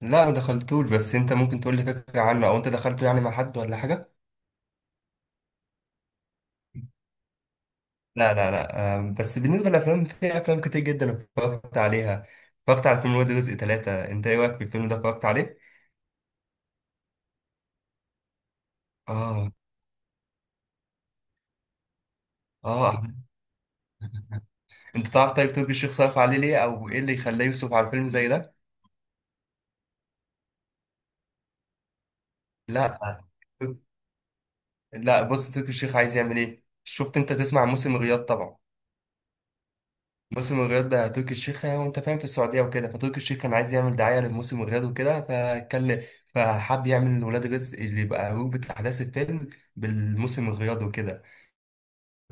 لا، ما دخلتوش، بس انت ممكن تقول لي فكره عنه او انت دخلته يعني مع حد ولا حاجه؟ لا لا لا، بس بالنسبه للافلام، في افلام كتير جدا اتفرجت عليها. اتفرجت على فيلم ولاد رزق ثلاثة، انت ايه رايك في الفيلم ده؟ اتفرجت عليه؟ اه اه. أحمد، انت تعرف طيب تركي الشيخ صرف عليه ليه او ايه اللي يخليه يصرف على فيلم زي ده؟ لا لا، بص تركي الشيخ عايز يعمل ايه. شفت انت، تسمع عن موسم الرياض طبعا؟ موسم الرياض ده تركي الشيخ يعني، وانت فاهم في السعوديه وكده، فتركي الشيخ كان عايز يعمل دعايه لموسم الرياض وكده، فكان فحب يعمل ولاد رزق اللي يبقى روبة احداث الفيلم بالموسم الرياض وكده.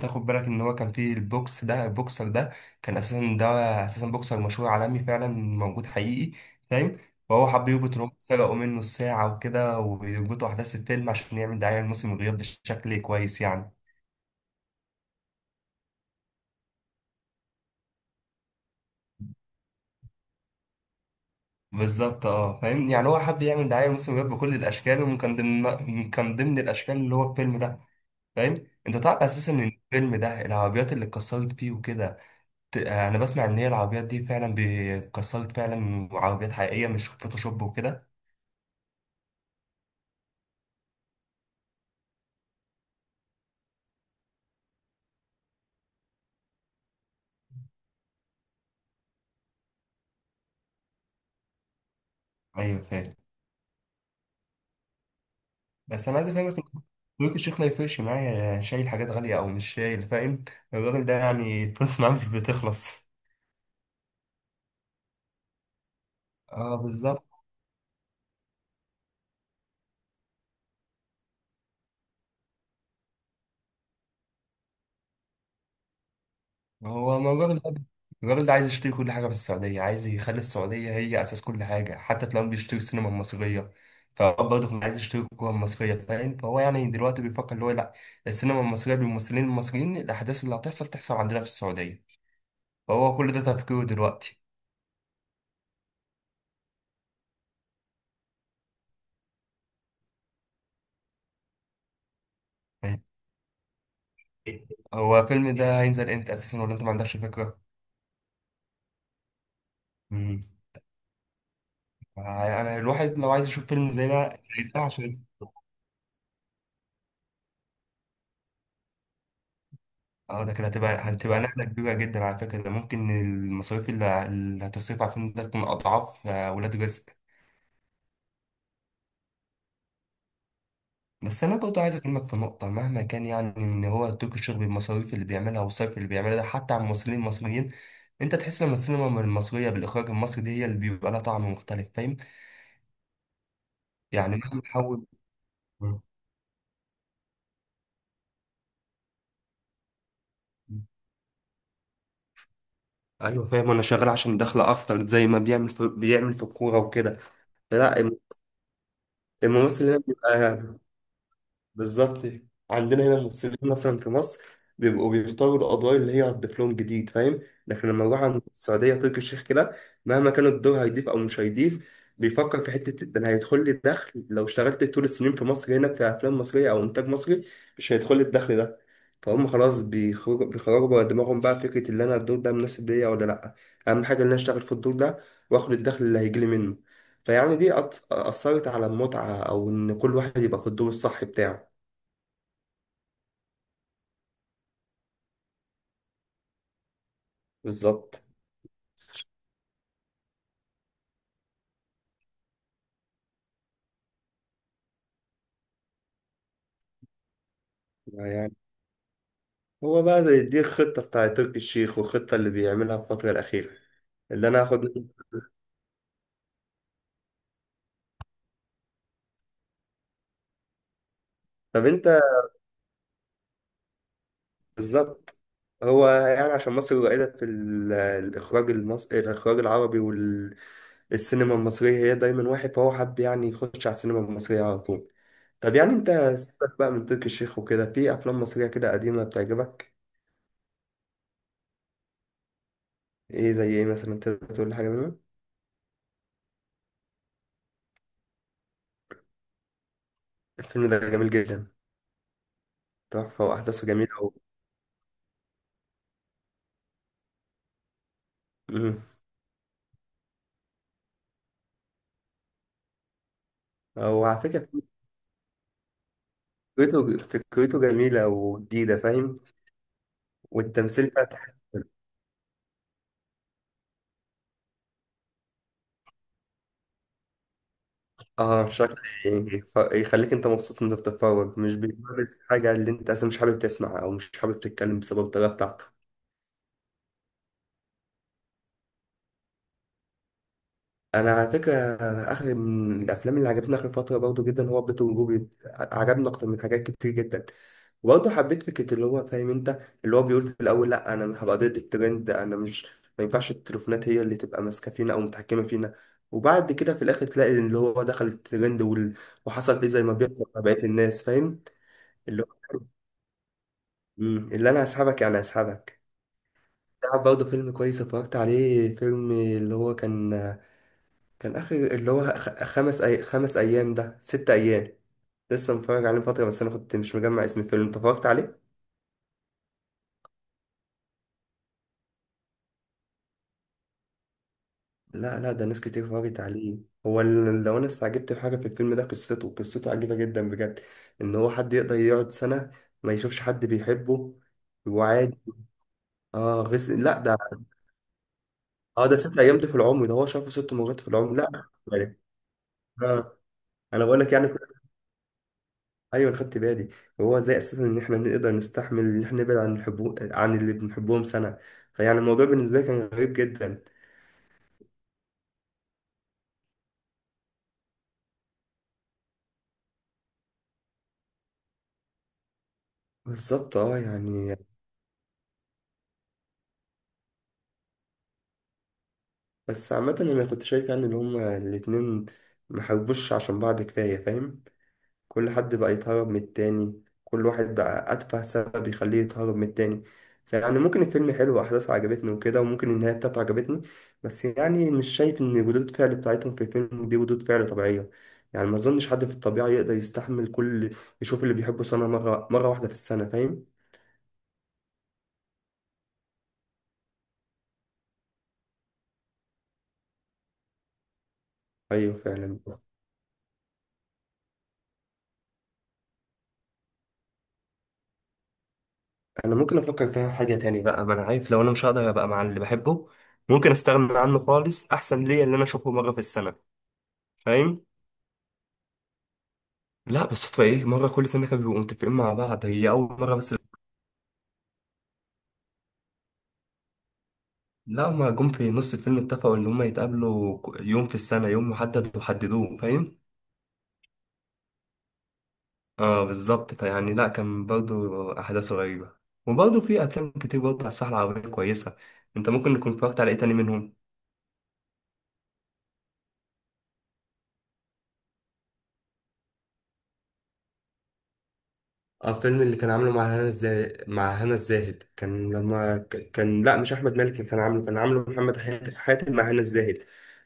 تاخد بالك ان هو كان فيه البوكس ده، البوكسر ده كان اساسا ده اساسا بوكسر مشهور عالمي فعلا، موجود حقيقي، فاهم؟ فهو حب يربط ان هم سرقوا منه الساعه وكده ويربطوا احداث الفيلم عشان يعمل دعايه لموسم الرياض بشكل كويس يعني. بالظبط، اه، فاهم، يعني هو حب يعمل دعايه لموسم الرياض بكل الاشكال، وكان ضمن كان ضمن الاشكال اللي هو الفيلم ده. فاهم؟ انت تعرف اساسا ان الفيلم ده العربيات اللي اتكسرت فيه وكده. انا بسمع ان هي العربيات دي فعلا اتكسرت فعلا، وعربيات حقيقيه مش فوتوشوب وكده. ايوه فاهم. بس انا عايز افهمك إن تركي الشيخ ما يفرقش معايا شايل حاجات غاليه او مش شايل، فاهم؟ الراجل ده يعني الفلوس معاه مش بتخلص. اه بالظبط. هو ما جارد عايز يشتري كل حاجة في السعودية، عايز يخلي السعودية هي أساس كل حاجة، حتى تلاقيهم بيشتري السينما المصرية. فهو برضه كان عايز يشتري الكورة المصرية، فاهم؟ فهو يعني دلوقتي بيفكر اللي هو لأ، السينما المصرية بالممثلين المصريين، الأحداث اللي هتحصل تحصل عندنا في السعودية. فهو كل ده تفكيره دلوقتي. فاهم؟ هو الفيلم ده هينزل امتى أساسا، ولا أنت ما عندكش فكرة؟ مم. أنا الواحد لو عايز يشوف فيلم زي ده، زي ده عشان، اه، ده كده هتبقى نقلة كبيرة جدا على فكرة. ده ممكن المصاريف اللي هتصرف على الفيلم ده تكون أضعاف ولاد رزق. بس أنا برضه عايز أكلمك في نقطة مهما كان، يعني إن هو تركي الشيخ بالمصاريف اللي بيعملها والصرف اللي بيعملها ده حتى على الممثلين المصريين، أنت تحس إن السينما المصرية بالإخراج المصري دي هي اللي بيبقى لها طعم مختلف، فاهم؟ يعني مهما حاول. ايوه فاهم، انا شغال عشان دخل اكتر، زي ما بيعمل في الكوره وكده. لا، الممثل هنا بيبقى بالظبط، عندنا هنا الممثلين مثلا في مصر بيبقوا بيختاروا القضايا اللي هي هتضيف لهم جديد، فاهم؟ لكن لما نروح عند السعودية تركي الشيخ كده، مهما كان الدور هيضيف أو مش هيضيف، بيفكر في حتة ده أنا هيدخل لي الدخل. لو اشتغلت طول السنين في مصر هنا في أفلام مصرية أو إنتاج مصري مش هيدخل لي الدخل ده. فهم خلاص، بيخرجوا بره دماغهم بقى فكرة اللي أنا الدور ده مناسب ليا ولا لأ. أهم حاجة إن أنا أشتغل في الدور ده وآخد الدخل اللي هيجيلي منه. فيعني دي أثرت على المتعة أو إن كل واحد يبقى في الدور الصح بتاعه. بالظبط، يعني هو بقى ده يديك خطة بتاع تركي الشيخ والخطة اللي بيعملها في الفترة الأخيرة اللي أنا هاخد منه. طب أنت، بالظبط. هو يعني عشان مصر قليلة في الإخراج المصري، الإخراج العربي، والسينما المصرية هي دايما واحد، فهو حب يعني يخش على السينما المصرية على طول. طب يعني أنت سيبك بقى من تركي الشيخ وكده، في أفلام مصرية كده قديمة بتعجبك؟ إيه زي إيه مثلا؟ تقدر تقول لي حاجة منهم؟ الفيلم ده جميل جدا. تحفة، وأحداثه جميلة أوي. مم. هو على فكرة فكرته جميلة وجديدة، فاهم؟ والتمثيل بتاع، اه، شكل، يخليك انت مبسوط وانت بتتفرج، مش بيبرز حاجة اللي انت اصلا مش حابب تسمعها او مش حابب تتكلم بسبب الطريقة بتاعته. انا على فكره اخر من الافلام اللي عجبتني اخر فتره برضه جدا هو بيت وجوبي. عجبني اكتر من حاجات كتير جدا. وبرضه حبيت فكره اللي هو، فاهم انت، اللي هو بيقول في الاول لا انا مش هبقى ضد الترند، انا مش، ما ينفعش التليفونات هي اللي تبقى ماسكه فينا او متحكمه فينا. وبعد كده في الاخر تلاقي اللي هو دخل الترند وحصل فيه زي ما بيحصل مع بقيه الناس، فاهم؟ اللي هو اللي انا هسحبك يعني هسحبك. تعرف برضه فيلم كويس اتفرجت عليه، فيلم اللي هو كان اخر، اللي هو خمس ايام، ده ست ايام. لسه متفرج عليه من فتره، بس انا كنت مش مجمع اسم الفيلم. انت اتفرجت عليه؟ لا لا، ده ناس كتير اتفرجت عليه. هو لو انا استعجبت في حاجه في الفيلم ده قصته عجيبه جدا بجد، ان هو حد يقدر يقعد سنه ما يشوفش حد بيحبه وعادي. اه، لا ده، اه، ده ست ايام، ده في العمر ده هو شافه 6 مرات في العمر لا يعني، اه. انا بقول لك يعني، ايوه أنا خدت بالي. هو ازاي اساسا ان احنا نقدر نستحمل ان احنا نبعد عن عن اللي بنحبهم سنه. فيعني الموضوع بالنسبه لي كان غريب جدا. بالظبط اه يعني، بس عامه انا كنت شايف يعني ان هما الاتنين محبوش عشان بعض كفايه، فاهم؟ كل حد بقى يتهرب من التاني، كل واحد بقى أتفه سبب يخليه يتهرب من التاني. فيعني ممكن الفيلم حلو وأحداثه عجبتني وكده، وممكن النهاية بتاعته عجبتني. بس يعني مش شايف إن ردود الفعل بتاعتهم في الفيلم دي ردود فعل طبيعية. يعني ما أظنش حد في الطبيعة يقدر يستحمل كل، يشوف اللي بيحبه سنة، مرة، مرة واحدة في السنة، فاهم؟ أيوه فعلا. أنا ممكن أفكر فيها حاجة تاني بقى. ما أنا عارف لو أنا مش هقدر أبقى مع اللي بحبه ممكن أستغنى عنه خالص. أحسن ليا اللي أنا أشوفه مرة في السنة، فاهم؟ لا، بس صدفة ايه؟ مرة كل سنة كانوا بيبقوا متفقين مع بعض، هي أول مرة بس. لا هما جم في نص الفيلم اتفقوا إن هما يتقابلوا يوم في السنة، يوم محدد وحددوه، فاهم؟ اه بالظبط، فيعني لا كان برضه أحداثه غريبة. وبرضه في أفلام كتير برضه على الساحة العربية كويسة. أنت ممكن تكون اتفرجت على إيه تاني منهم؟ اه، فيلم اللي كان عامله مع هنا الزاهد، مع هنا الزاهد كان لما كان، لا مش احمد مالك اللي كان عامله، كان عامله محمد حاتم مع هنا الزاهد.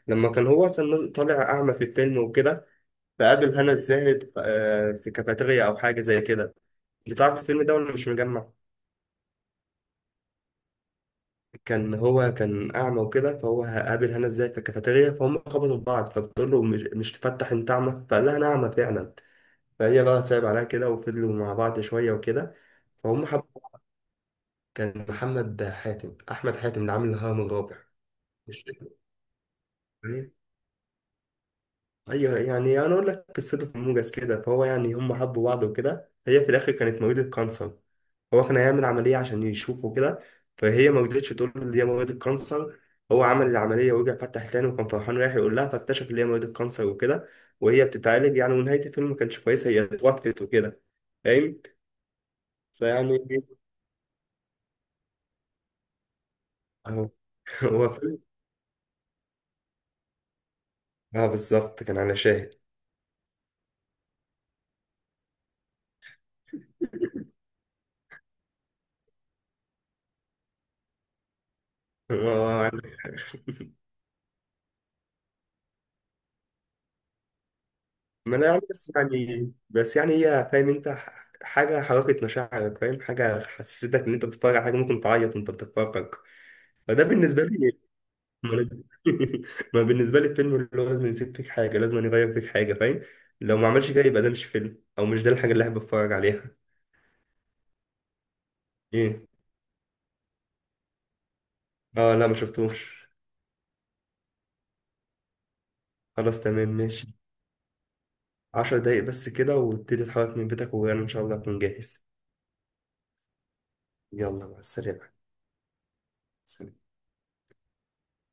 لما كان هو كان طالع اعمى في الفيلم وكده، بقابل هنا الزاهد في كافيتيريا أو حاجة زي كده. أنت تعرف الفيلم ده ولا مش مجمع؟ كان هو كان أعمى وكده، فهو قابل هنا الزاهد في الكافيتيريا، فهم خبطوا في بعض، فبتقول له مش تفتح، أنت أعمى؟ فقال لها أنا أعمى فعلا. فهي بقى صعب عليها كده، وفضلوا مع بعض شوية وكده. فهم حب، كان محمد حاتم، أحمد حاتم اللي عامل الهرم الرابع. مش فاكر. ايوه يعني، انا اقول لك قصته في موجز كده. فهو يعني هم حبوا بعض وكده، هي في الاخر كانت مريضة كانسر. هو كان هيعمل عملية عشان يشوفه كده، فهي ما رضتش تقول له ان هي مريضة كانسر. هو عمل العملية ورجع فتح تاني، وكان فرحان رايح يقول لها، فاكتشف ان هي مريضة كانسر وكده، وهي بتتعالج يعني. ونهاية الفيلم ما كانتش كويسة، هي اتوفت وكده، فاهم؟ فيعني اهو. هو فيلم، اه بالظبط كان على شاهد. عندك حق. ما انا يعني، بس يعني هي، فاهم انت، حاجه حركت مشاعرك، فاهم؟ حاجه حسستك ان انت بتتفرج على حاجه ممكن تعيط وانت بتتفرج. فده بالنسبه لي، ما ما بالنسبه لي الفيلم اللي هو لازم يسيب فيك حاجه، لازم يغير فيك حاجه، فاهم؟ لو ما عملش كده يبقى ده مش فيلم، او مش ده الحاجه اللي احب اتفرج عليها. ايه؟ اه لا، ما شفتوش. خلاص تمام ماشي. 10 دقايق بس كده وابتدي اتحرك من بيتك، وانا ان شاء الله اكون جاهز. يلا مع السلامه.